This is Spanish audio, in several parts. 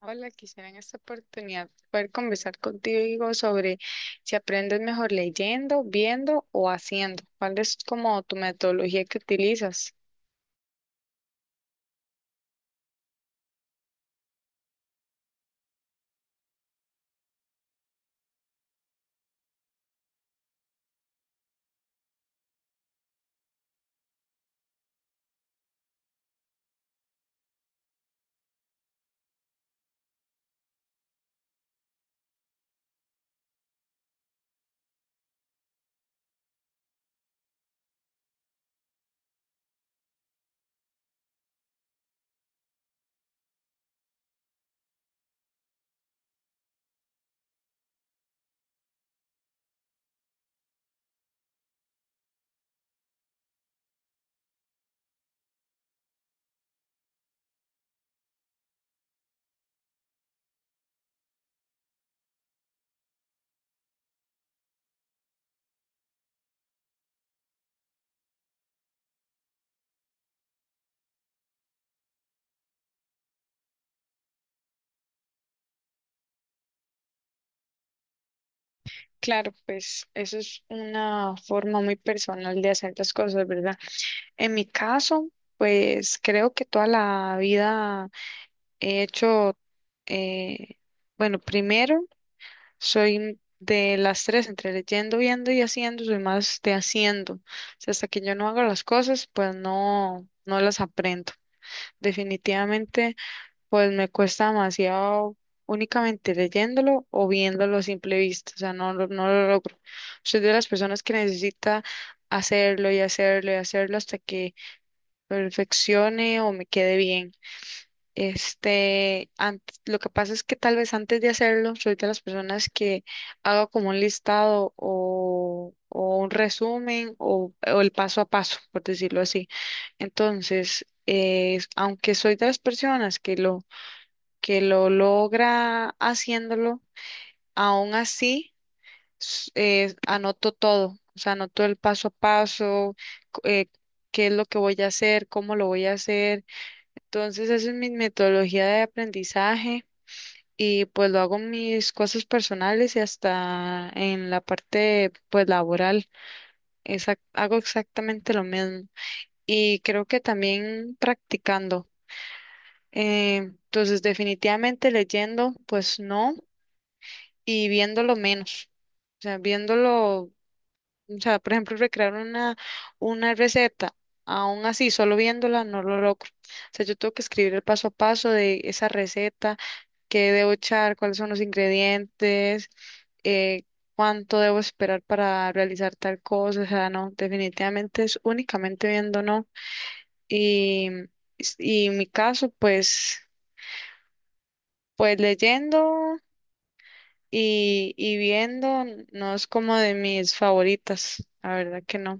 Hola, quisiera en esta oportunidad poder conversar contigo sobre si aprendes mejor leyendo, viendo o haciendo. ¿Cuál es como tu metodología que utilizas? Claro, pues eso es una forma muy personal de hacer las cosas, ¿verdad? En mi caso, pues creo que toda la vida he hecho, eh, bueno, primero soy de las tres, entre leyendo, viendo y haciendo, soy más de haciendo. O sea, hasta que yo no hago las cosas, pues no, no las aprendo. Definitivamente, pues me cuesta demasiado únicamente leyéndolo o viéndolo a simple vista. O sea, no, no lo logro. Soy de las personas que necesita hacerlo y hacerlo y hacerlo hasta que perfeccione o me quede bien. Este, antes, lo que pasa es que tal vez antes de hacerlo, soy de las personas que hago como un listado o un resumen o el paso a paso, por decirlo así. Entonces, aunque soy de las personas que lo logra haciéndolo, aún así anoto todo, o sea, anoto el paso a paso, c- eh, qué es lo que voy a hacer, cómo lo voy a hacer. Entonces, esa es mi metodología de aprendizaje y pues lo hago en mis cosas personales y hasta en la parte pues laboral. Hago exactamente lo mismo y creo que también practicando. Eh, entonces, definitivamente leyendo pues no y viéndolo menos. O sea, viéndolo O sea, por ejemplo, recrear una receta, aún así, solo viéndola, no lo logro. O sea, yo tengo que escribir el paso a paso de esa receta, qué debo echar, cuáles son los ingredientes, eh, cuánto debo esperar para realizar tal cosa. O sea, no, definitivamente es únicamente viendo, ¿no? Y, y en mi caso, pues, pues leyendo y viendo, no es como de mis favoritas, la verdad que no.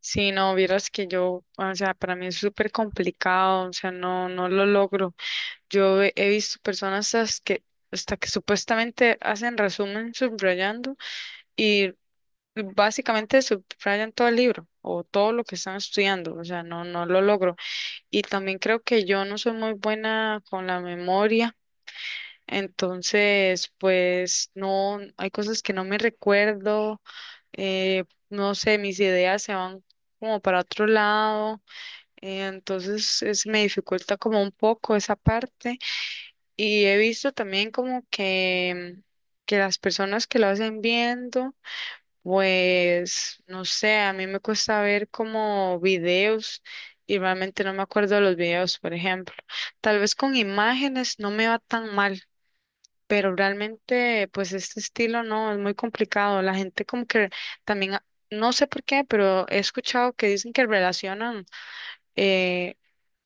Sí, no, vieras que yo, o sea, para mí es súper complicado, o sea, no, no lo logro. Yo he visto personas que, hasta que supuestamente hacen resumen subrayando y básicamente subrayan todo el libro o todo lo que están estudiando, o sea, no, no lo logro. Y también creo que yo no soy muy buena con la memoria, entonces, pues, no, hay cosas que no me recuerdo, eh, no sé, mis ideas se van como para otro lado. Entonces es, me dificulta como un poco esa parte y he visto también como que las personas que lo hacen viendo, pues no sé, a mí me cuesta ver como videos y realmente no me acuerdo de los videos, por ejemplo. Tal vez con imágenes no me va tan mal, pero realmente pues este estilo no, es muy complicado. La gente como que también, no sé por qué, pero he escuchado que dicen que relacionan. eh,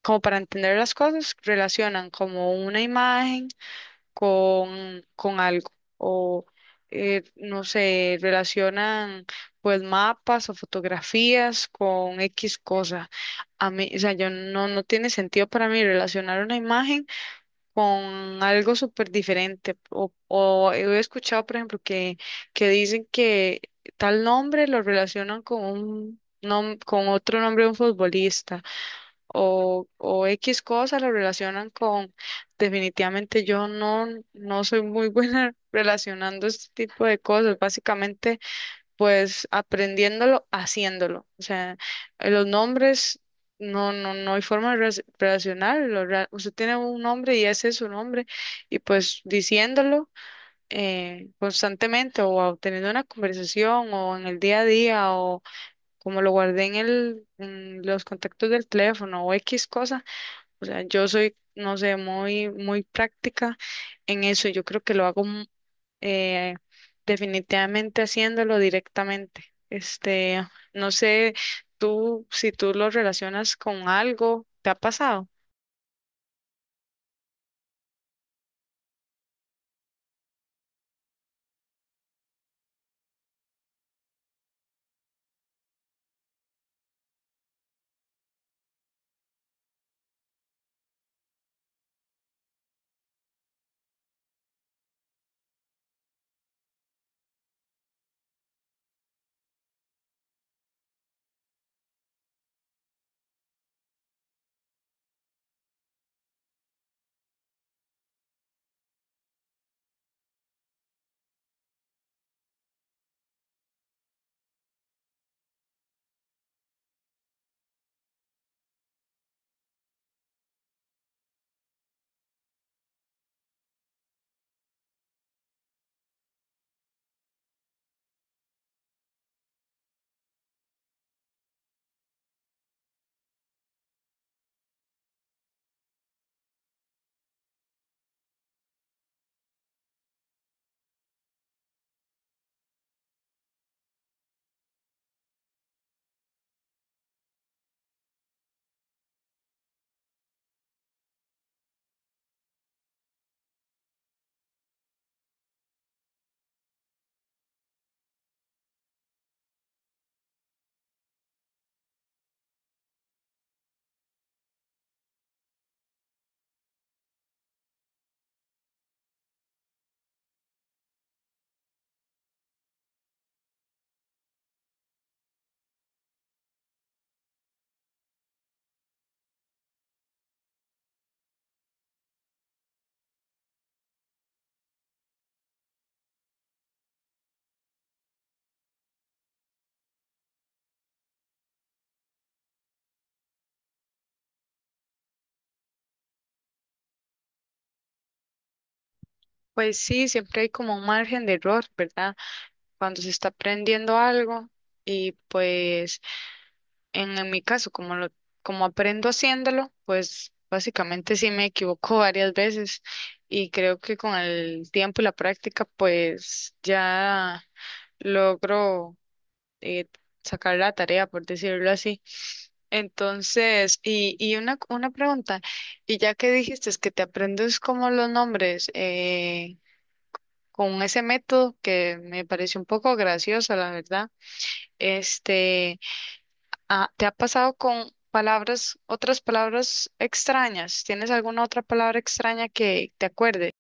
Como para entender las cosas, relacionan como una imagen con algo o no sé, relacionan pues mapas o fotografías con X cosa. A mí, o sea, yo no, no tiene sentido para mí relacionar una imagen con algo súper diferente. O he escuchado, por ejemplo, que dicen que tal nombre lo relacionan con con otro nombre de un futbolista o X cosa lo relacionan con, definitivamente yo no, no soy muy buena relacionando este tipo de cosas, básicamente pues aprendiéndolo, haciéndolo. O sea, los nombres no, no, no hay forma de relacionarlo. Usted tiene un nombre y ese es su nombre y pues diciéndolo constantemente o teniendo una conversación o en el día a día o como lo guardé en el, en los contactos del teléfono o X cosa. O sea, yo soy, no sé, muy, muy práctica en eso. Yo creo que lo hago eh, definitivamente haciéndolo directamente. Este, no sé, si tú lo relacionas con algo, ¿te ha pasado? Pues sí, siempre hay como un margen de error, ¿verdad? Cuando se está aprendiendo algo y pues en mi caso, como aprendo haciéndolo, pues básicamente sí me equivoco varias veces y creo que con el tiempo y la práctica, pues ya logro eh, sacar la tarea, por decirlo así. Entonces, y una pregunta, y ya que dijiste es que te aprendes como los nombres con ese método que me pareció un poco gracioso, la verdad, este... Ah, ¿te ha pasado con palabras, otras palabras extrañas? ¿Tienes alguna otra palabra extraña que te acuerdes?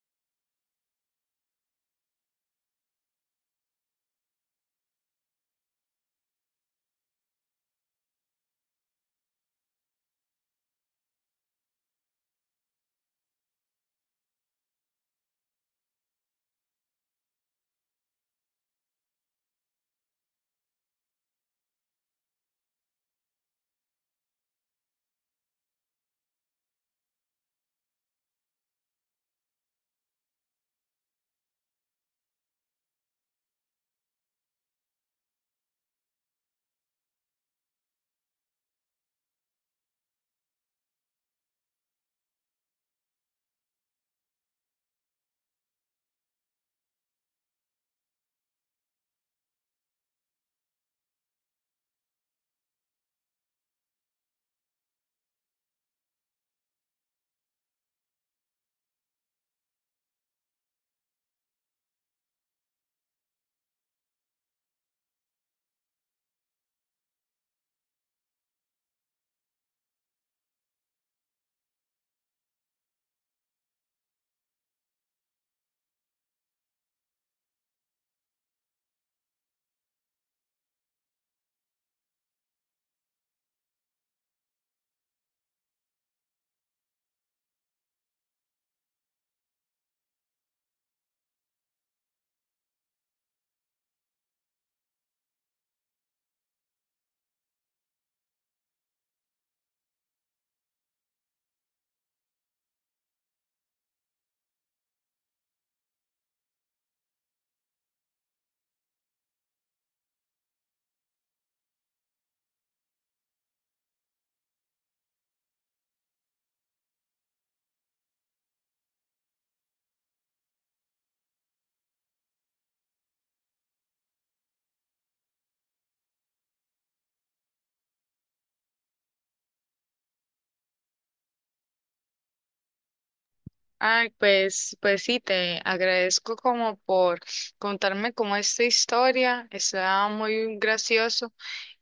Ay, pues, pues sí, te agradezco como por contarme como esta historia. Está muy gracioso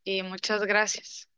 y muchas gracias.